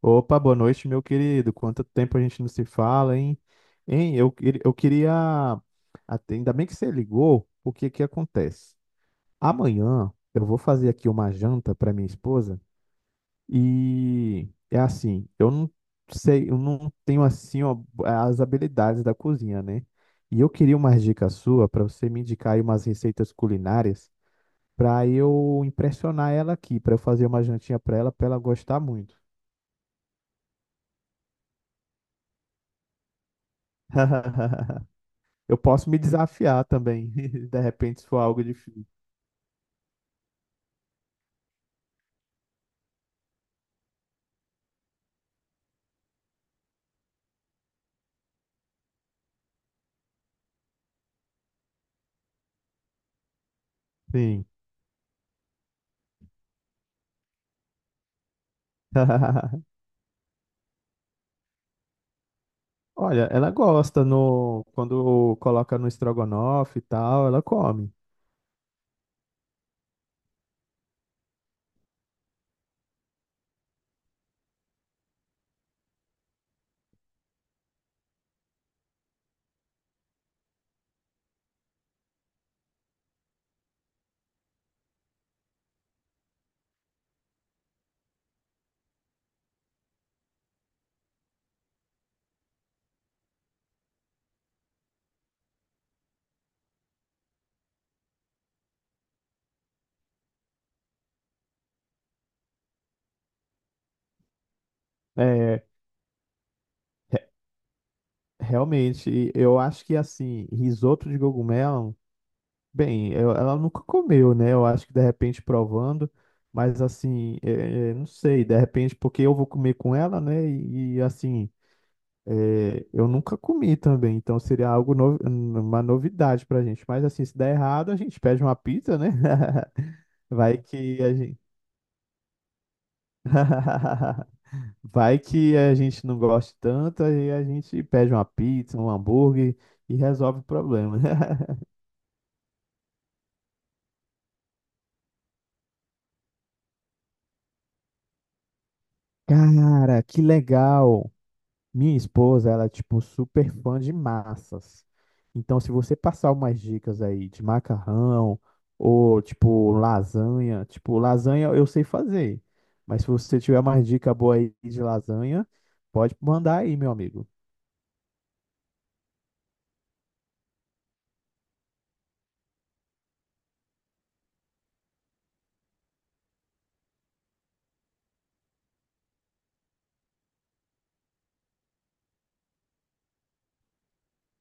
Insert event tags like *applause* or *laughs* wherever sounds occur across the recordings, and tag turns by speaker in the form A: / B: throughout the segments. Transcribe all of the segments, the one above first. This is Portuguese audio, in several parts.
A: Opa, boa noite, meu querido. Quanto tempo a gente não se fala, hein? Hein? Ainda bem que você ligou, porque que acontece? Amanhã eu vou fazer aqui uma janta para minha esposa, e é assim, eu não sei, eu não tenho assim ó, as habilidades da cozinha, né? E eu queria uma dica sua para você me indicar aí umas receitas culinárias para eu impressionar ela aqui, para eu fazer uma jantinha para ela gostar muito. *laughs* Eu posso me desafiar também, *laughs* de repente, se for algo difícil. Sim. *laughs* Olha, ela gosta no quando coloca no estrogonofe e tal, ela come. É, re- realmente, eu acho que assim, risoto de cogumelo, bem, eu- ela nunca comeu, né? Eu acho que de repente provando, mas assim, é, não sei, de repente porque eu vou comer com ela, né? E, assim, é, eu nunca comi também, então seria algo no- uma novidade pra gente. Mas assim, se der errado, a gente pede uma pizza, né? *laughs* Vai que a gente. *laughs* Vai que a gente não gosta tanto, aí a gente pede uma pizza, um hambúrguer e resolve o problema. *laughs* Cara, que legal! Minha esposa, ela é tipo super fã de massas. Então, se você passar umas dicas aí de macarrão ou tipo lasanha eu sei fazer, mas se você tiver mais dica boa aí de lasanha, pode mandar aí, meu amigo.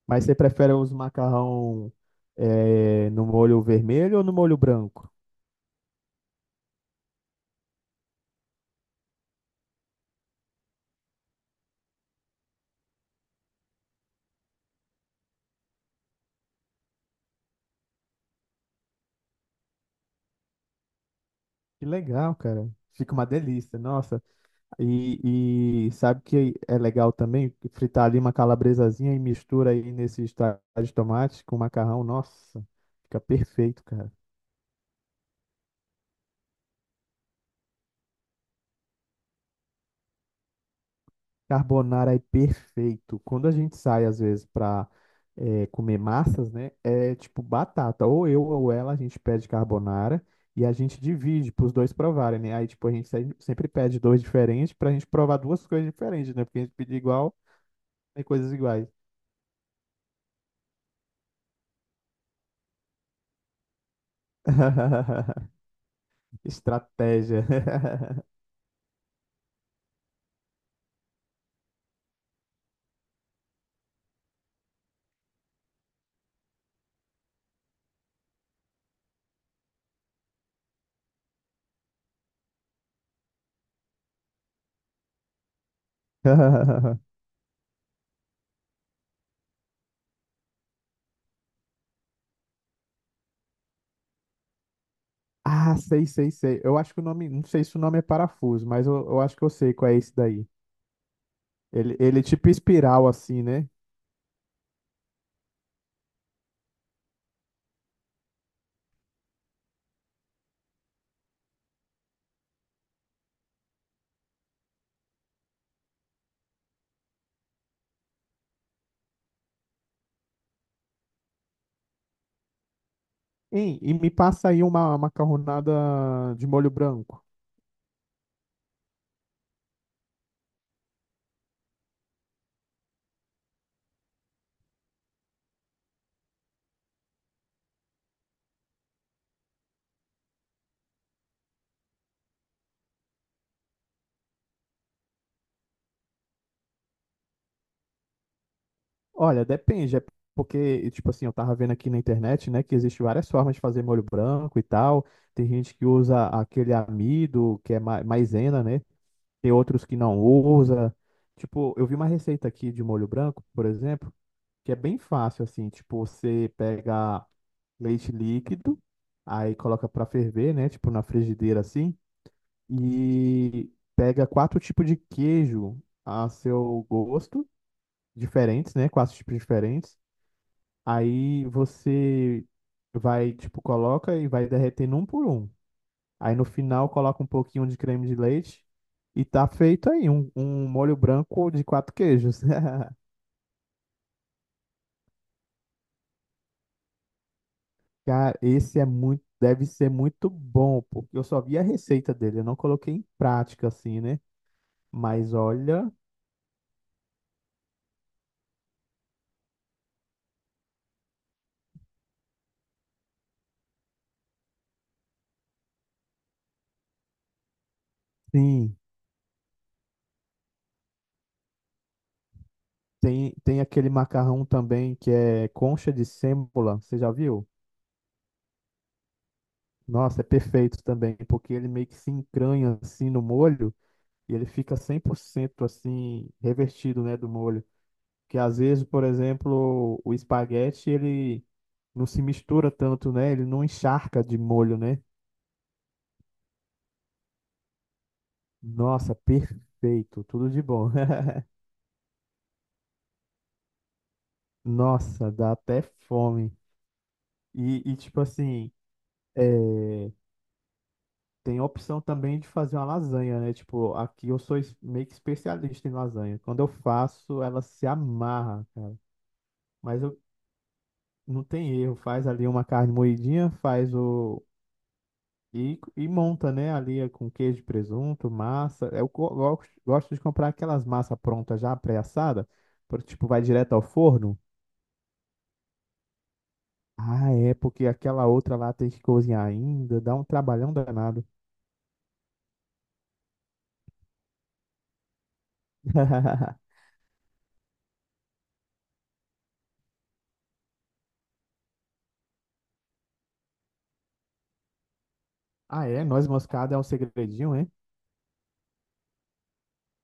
A: Mas você prefere os macarrão no molho vermelho ou no molho branco? Que legal, cara. Fica uma delícia. Nossa, e sabe que é legal também fritar ali uma calabresazinha e mistura aí nesse extrato de tomate com macarrão. Nossa, fica perfeito, cara. Carbonara é perfeito. Quando a gente sai, às vezes, para comer massas, né? É tipo batata. Ou eu ou ela, a gente pede carbonara e a gente divide para os dois provarem, né? Aí, tipo, a gente sempre pede dois diferentes para a gente provar duas coisas diferentes, né? Porque a gente pedir igual, tem coisas iguais. *laughs* Estratégia. *laughs* *laughs* Ah, sei, sei, sei. Eu acho que o nome, não sei se o nome é parafuso, mas eu acho que eu sei qual é esse daí. Ele é tipo espiral assim, né? Hein, e me passa aí uma macarronada de molho branco. Olha, depende, é porque, tipo assim, eu tava vendo aqui na internet, né, que existe várias formas de fazer molho branco e tal. Tem gente que usa aquele amido, que é maisena, né? Tem outros que não usa. Tipo, eu vi uma receita aqui de molho branco, por exemplo, que é bem fácil assim, tipo, você pega leite líquido, aí coloca pra ferver, né, tipo na frigideira assim, e pega quatro tipos de queijo a seu gosto, diferentes, né, quatro tipos diferentes. Aí você vai, tipo, coloca e vai derretendo um por um. Aí no final coloca um pouquinho de creme de leite e tá feito aí um molho branco de quatro queijos. *laughs* Cara, esse é muito, deve ser muito bom, porque eu só vi a receita dele, eu não coloquei em prática assim, né? Mas olha, sim, tem aquele macarrão também que é concha de sêmola, você já viu? Nossa, é perfeito também, porque ele meio que se encranha assim no molho e ele fica 100% assim revertido, né, do molho. Que às vezes, por exemplo, o espaguete ele não se mistura tanto, né? Ele não encharca de molho, né? Nossa, perfeito, tudo de bom. *laughs* Nossa, dá até fome. E, tipo assim, é, tem a opção também de fazer uma lasanha, né? Tipo, aqui eu sou meio que especialista em lasanha. Quando eu faço, ela se amarra, cara. Mas eu, não tem erro, faz ali uma carne moidinha, faz o. E, e monta, né? Ali é com queijo, presunto, massa. Eu gosto de comprar aquelas massas prontas já pré-assada, por- tipo, vai direto ao forno. Ah, é, porque aquela outra lá tem que cozinhar ainda, dá um trabalhão danado. *laughs* Ah, é? Noz moscada é um segredinho, hein?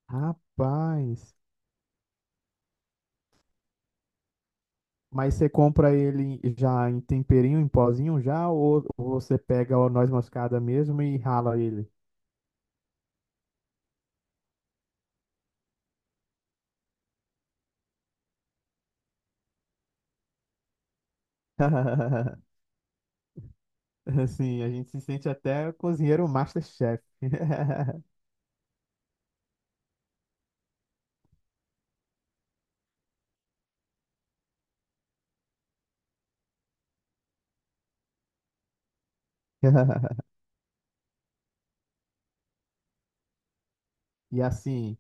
A: Rapaz. Mas você compra ele já em temperinho, em pozinho já, ou você pega o noz moscada mesmo e rala ele? *laughs* Assim, a gente se sente até cozinheiro MasterChef. *laughs* *laughs* E assim,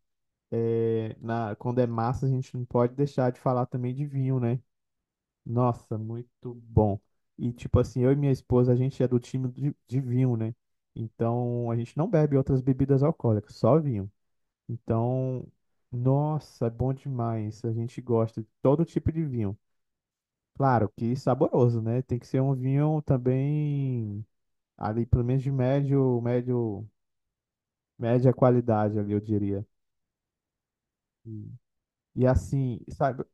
A: é, na, quando é massa, a gente não pode deixar de falar também de vinho, né? Nossa, muito bom. E tipo assim, eu e minha esposa, a gente é do time de vinho, né? Então a gente não bebe outras bebidas alcoólicas, só vinho. Então, nossa, é bom demais. A gente gosta de todo tipo de vinho. Claro que saboroso, né? Tem que ser um vinho também ali, pelo menos de média qualidade ali, eu diria. E e assim, sabe,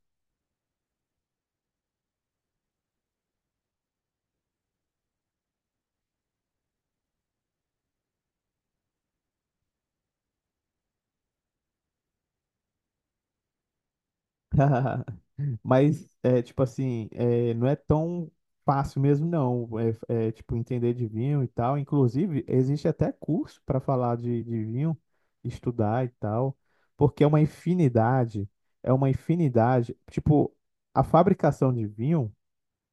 A: *laughs* mas é tipo assim, é, não é tão fácil mesmo não, é, é, tipo entender de vinho e tal. Inclusive, existe até curso para falar de vinho, estudar e tal, porque é uma infinidade, tipo, a fabricação de vinho,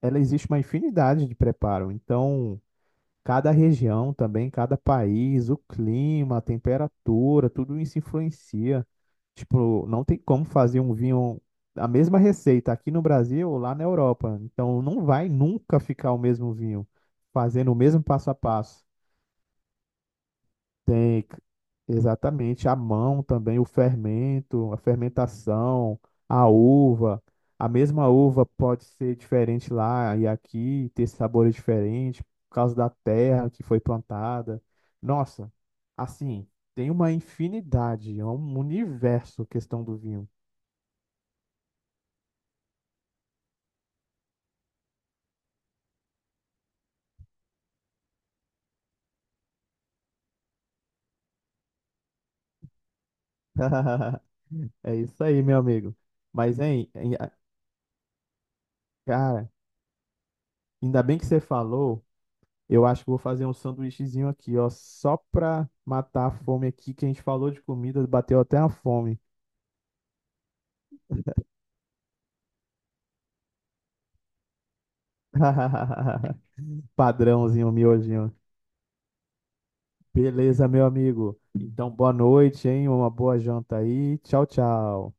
A: ela existe uma infinidade de preparo. Então, cada região também, cada país, o clima, a temperatura, tudo isso influencia. Tipo, não tem como fazer um vinho, a mesma receita aqui no Brasil ou lá na Europa. Então, não vai nunca ficar o mesmo vinho, fazendo o mesmo passo a passo. Tem c- Exatamente a mão também, o fermento, a fermentação, a uva. A mesma uva pode ser diferente lá e aqui, ter sabores diferentes por causa da terra que foi plantada. Nossa, assim, tem uma infinidade, é um universo questão do vinho. *laughs* É isso aí, meu amigo. Mas, hein, hein, cara, ainda bem que você falou. Eu acho que vou fazer um sanduíchezinho aqui, ó, só pra matar a fome aqui, que a gente falou de comida, bateu até a fome. *laughs* Padrãozinho, miojinho. Beleza, meu amigo. Então, boa noite, hein? Uma boa janta aí. Tchau, tchau.